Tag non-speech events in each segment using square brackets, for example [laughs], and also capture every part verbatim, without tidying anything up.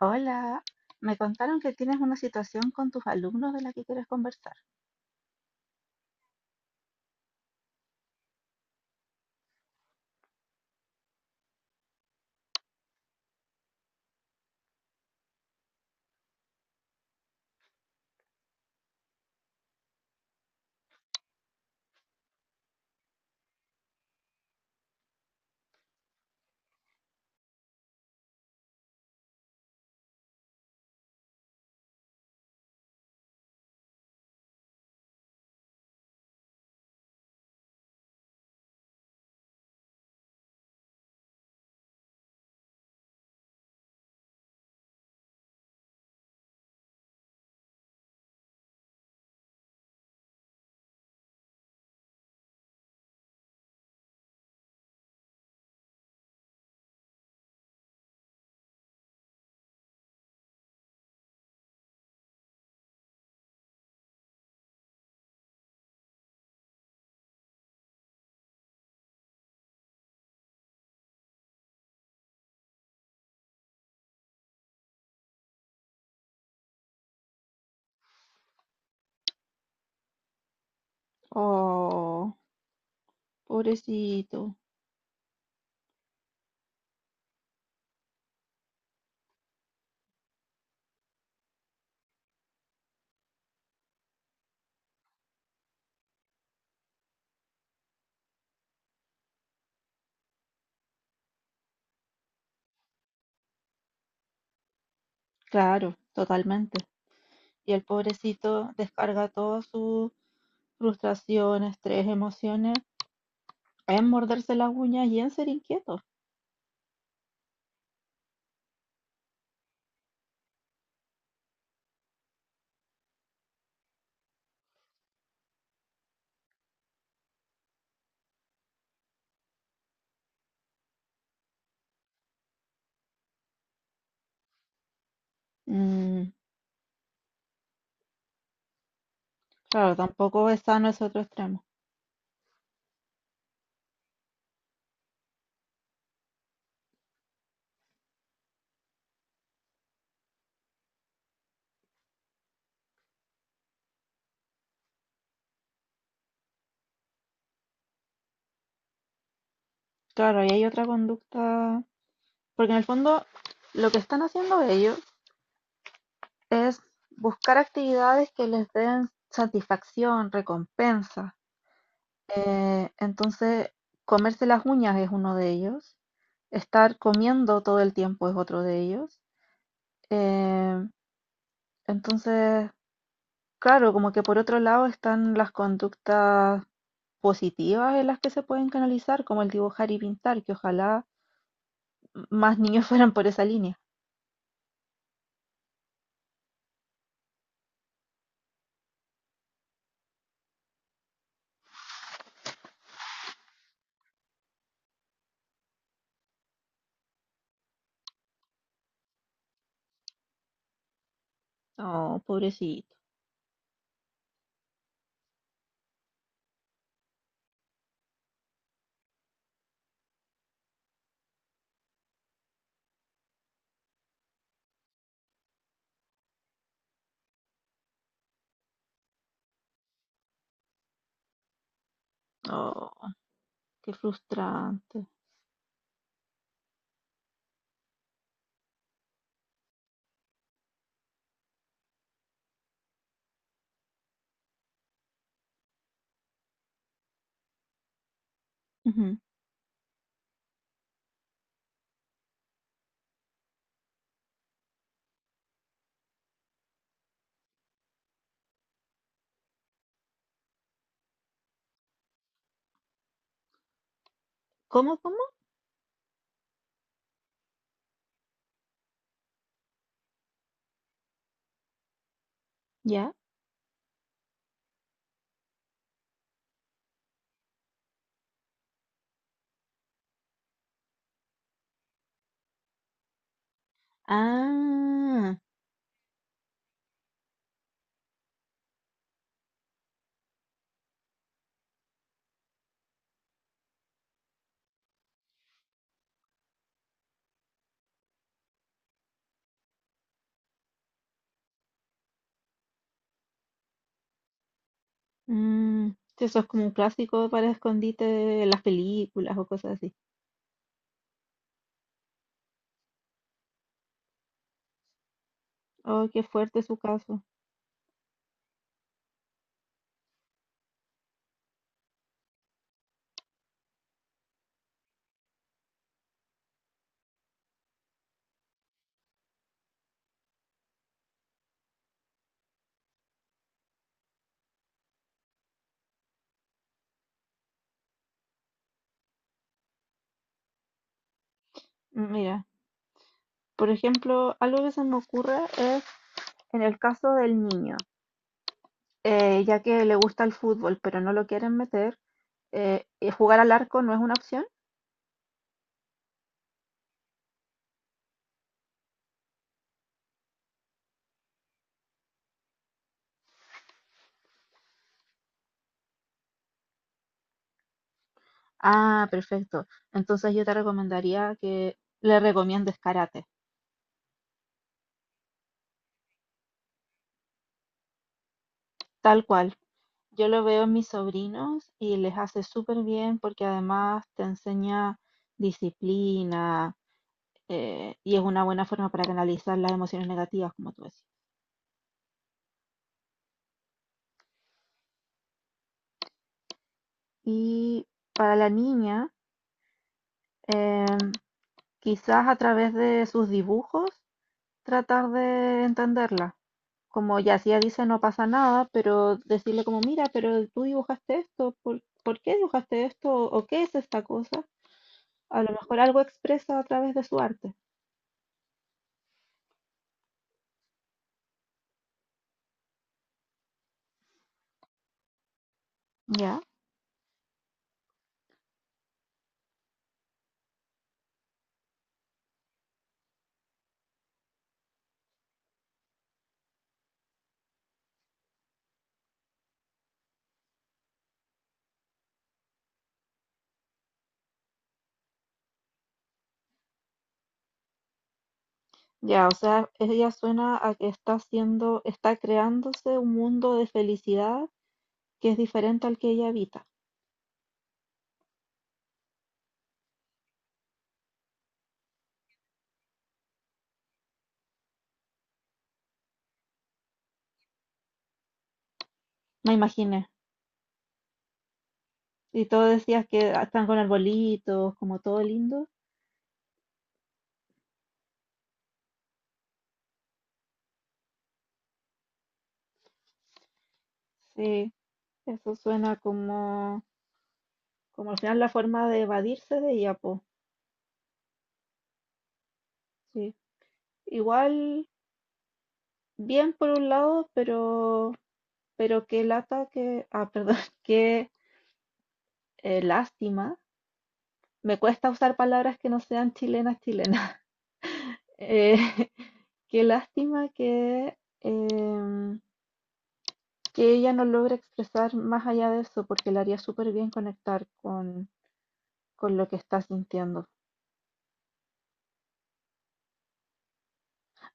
Hola, me contaron que tienes una situación con tus alumnos de la que quieres conversar. Oh, pobrecito. Claro, totalmente. Y el pobrecito descarga toda su frustración, estrés, emociones en morderse las uñas y en ser inquieto. Mm, claro, tampoco es sano ese otro extremo. Claro, ahí hay otra conducta, porque en el fondo, lo que están haciendo ellos es buscar actividades que les den satisfacción, recompensa. Eh, entonces, comerse las uñas es uno de ellos. Estar comiendo todo el tiempo es otro de ellos. Eh, entonces, claro, como que por otro lado están las conductas positivas en las que se pueden canalizar, como el dibujar y pintar, que ojalá m- más niños [laughs] fueran por esa línea. Oh, pobrecito. Oh, qué frustrante. Ujú. ¿Cómo, cómo? ¿Ya? Ah. Mm, sí, eso es como un clásico para escondite de las películas o cosas así. Oh, qué fuerte su caso. Mm, mira, por ejemplo, algo que se me ocurre es en el caso del niño, eh, ya que le gusta el fútbol, pero no lo quieren meter, eh, eh, ¿jugar al arco no es una opción? Ah, perfecto. Entonces yo te recomendaría que le recomiendes karate, tal cual. Yo lo veo en mis sobrinos y les hace súper bien porque además te enseña disciplina, eh, y es una buena forma para canalizar las emociones negativas, como tú decías. Y para la niña, eh, quizás a través de sus dibujos tratar de entenderla. Como ya si ella dice no pasa nada, pero decirle como, mira, pero tú dibujaste esto, ¿por, ¿por qué dibujaste esto? ¿O qué es esta cosa? A lo mejor algo expresa a través de su arte. Ya, ya, o sea, ella suena a que está haciendo, está creándose un mundo de felicidad que es diferente al que ella habita. Me imaginé. Y todo decías que ah, están con arbolitos, como todo lindo. Sí, eso suena como, como al final la forma de evadirse de ella, po. Sí. Igual, bien por un lado, pero, pero qué lata que, ah, perdón, [laughs] qué eh, lástima. Me cuesta usar palabras que no sean chilenas, chilenas. [laughs] Eh, [laughs] qué lástima que, em, que ella no logre expresar más allá de eso, porque le haría súper bien conectar con con lo que estás sintiendo.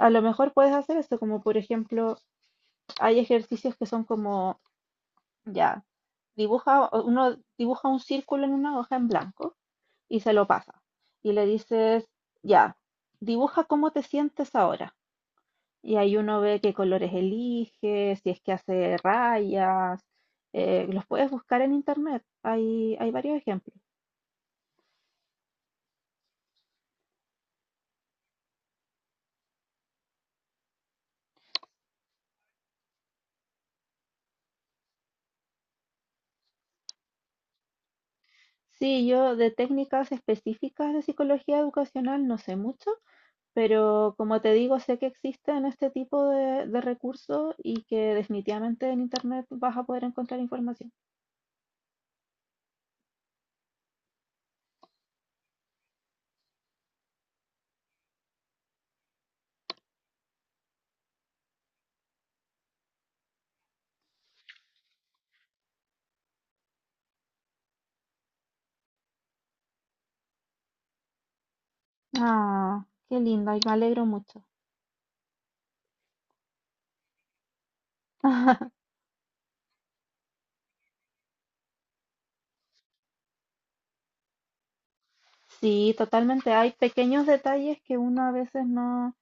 A lo mejor puedes hacer esto, como por ejemplo, hay ejercicios que son como, ya, dibuja, o uno dibuja un círculo en una hoja en blanco y se lo pasa. Y le dices, ya, dibuja cómo te sientes ahora. Y ahí uno ve qué colores elige, si es que hace rayas, eh, los puedes buscar en internet, hay, hay varios ejemplos. Sí, yo de técnicas específicas de psicología educacional no sé mucho, pero como te digo, sé que existen este tipo de, de recursos y que definitivamente en internet vas a poder encontrar información. Ah, qué lindo, y me alegro mucho. [laughs] Sí, totalmente. Hay pequeños detalles que uno a veces no,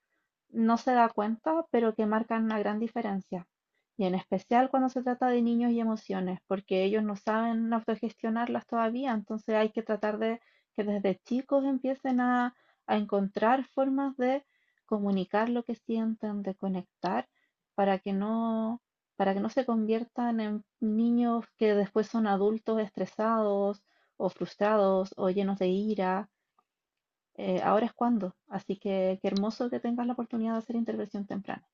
no se da cuenta, pero que marcan una gran diferencia. Y en especial cuando se trata de niños y emociones, porque ellos no saben autogestionarlas todavía, entonces hay que tratar de que desde chicos empiecen a, a encontrar formas de comunicar lo que sienten, de conectar, para que no, para que no se conviertan en niños que después son adultos estresados o frustrados o llenos de ira, eh, ahora es cuando. Así que qué hermoso que tengas la oportunidad de hacer intervención temprana.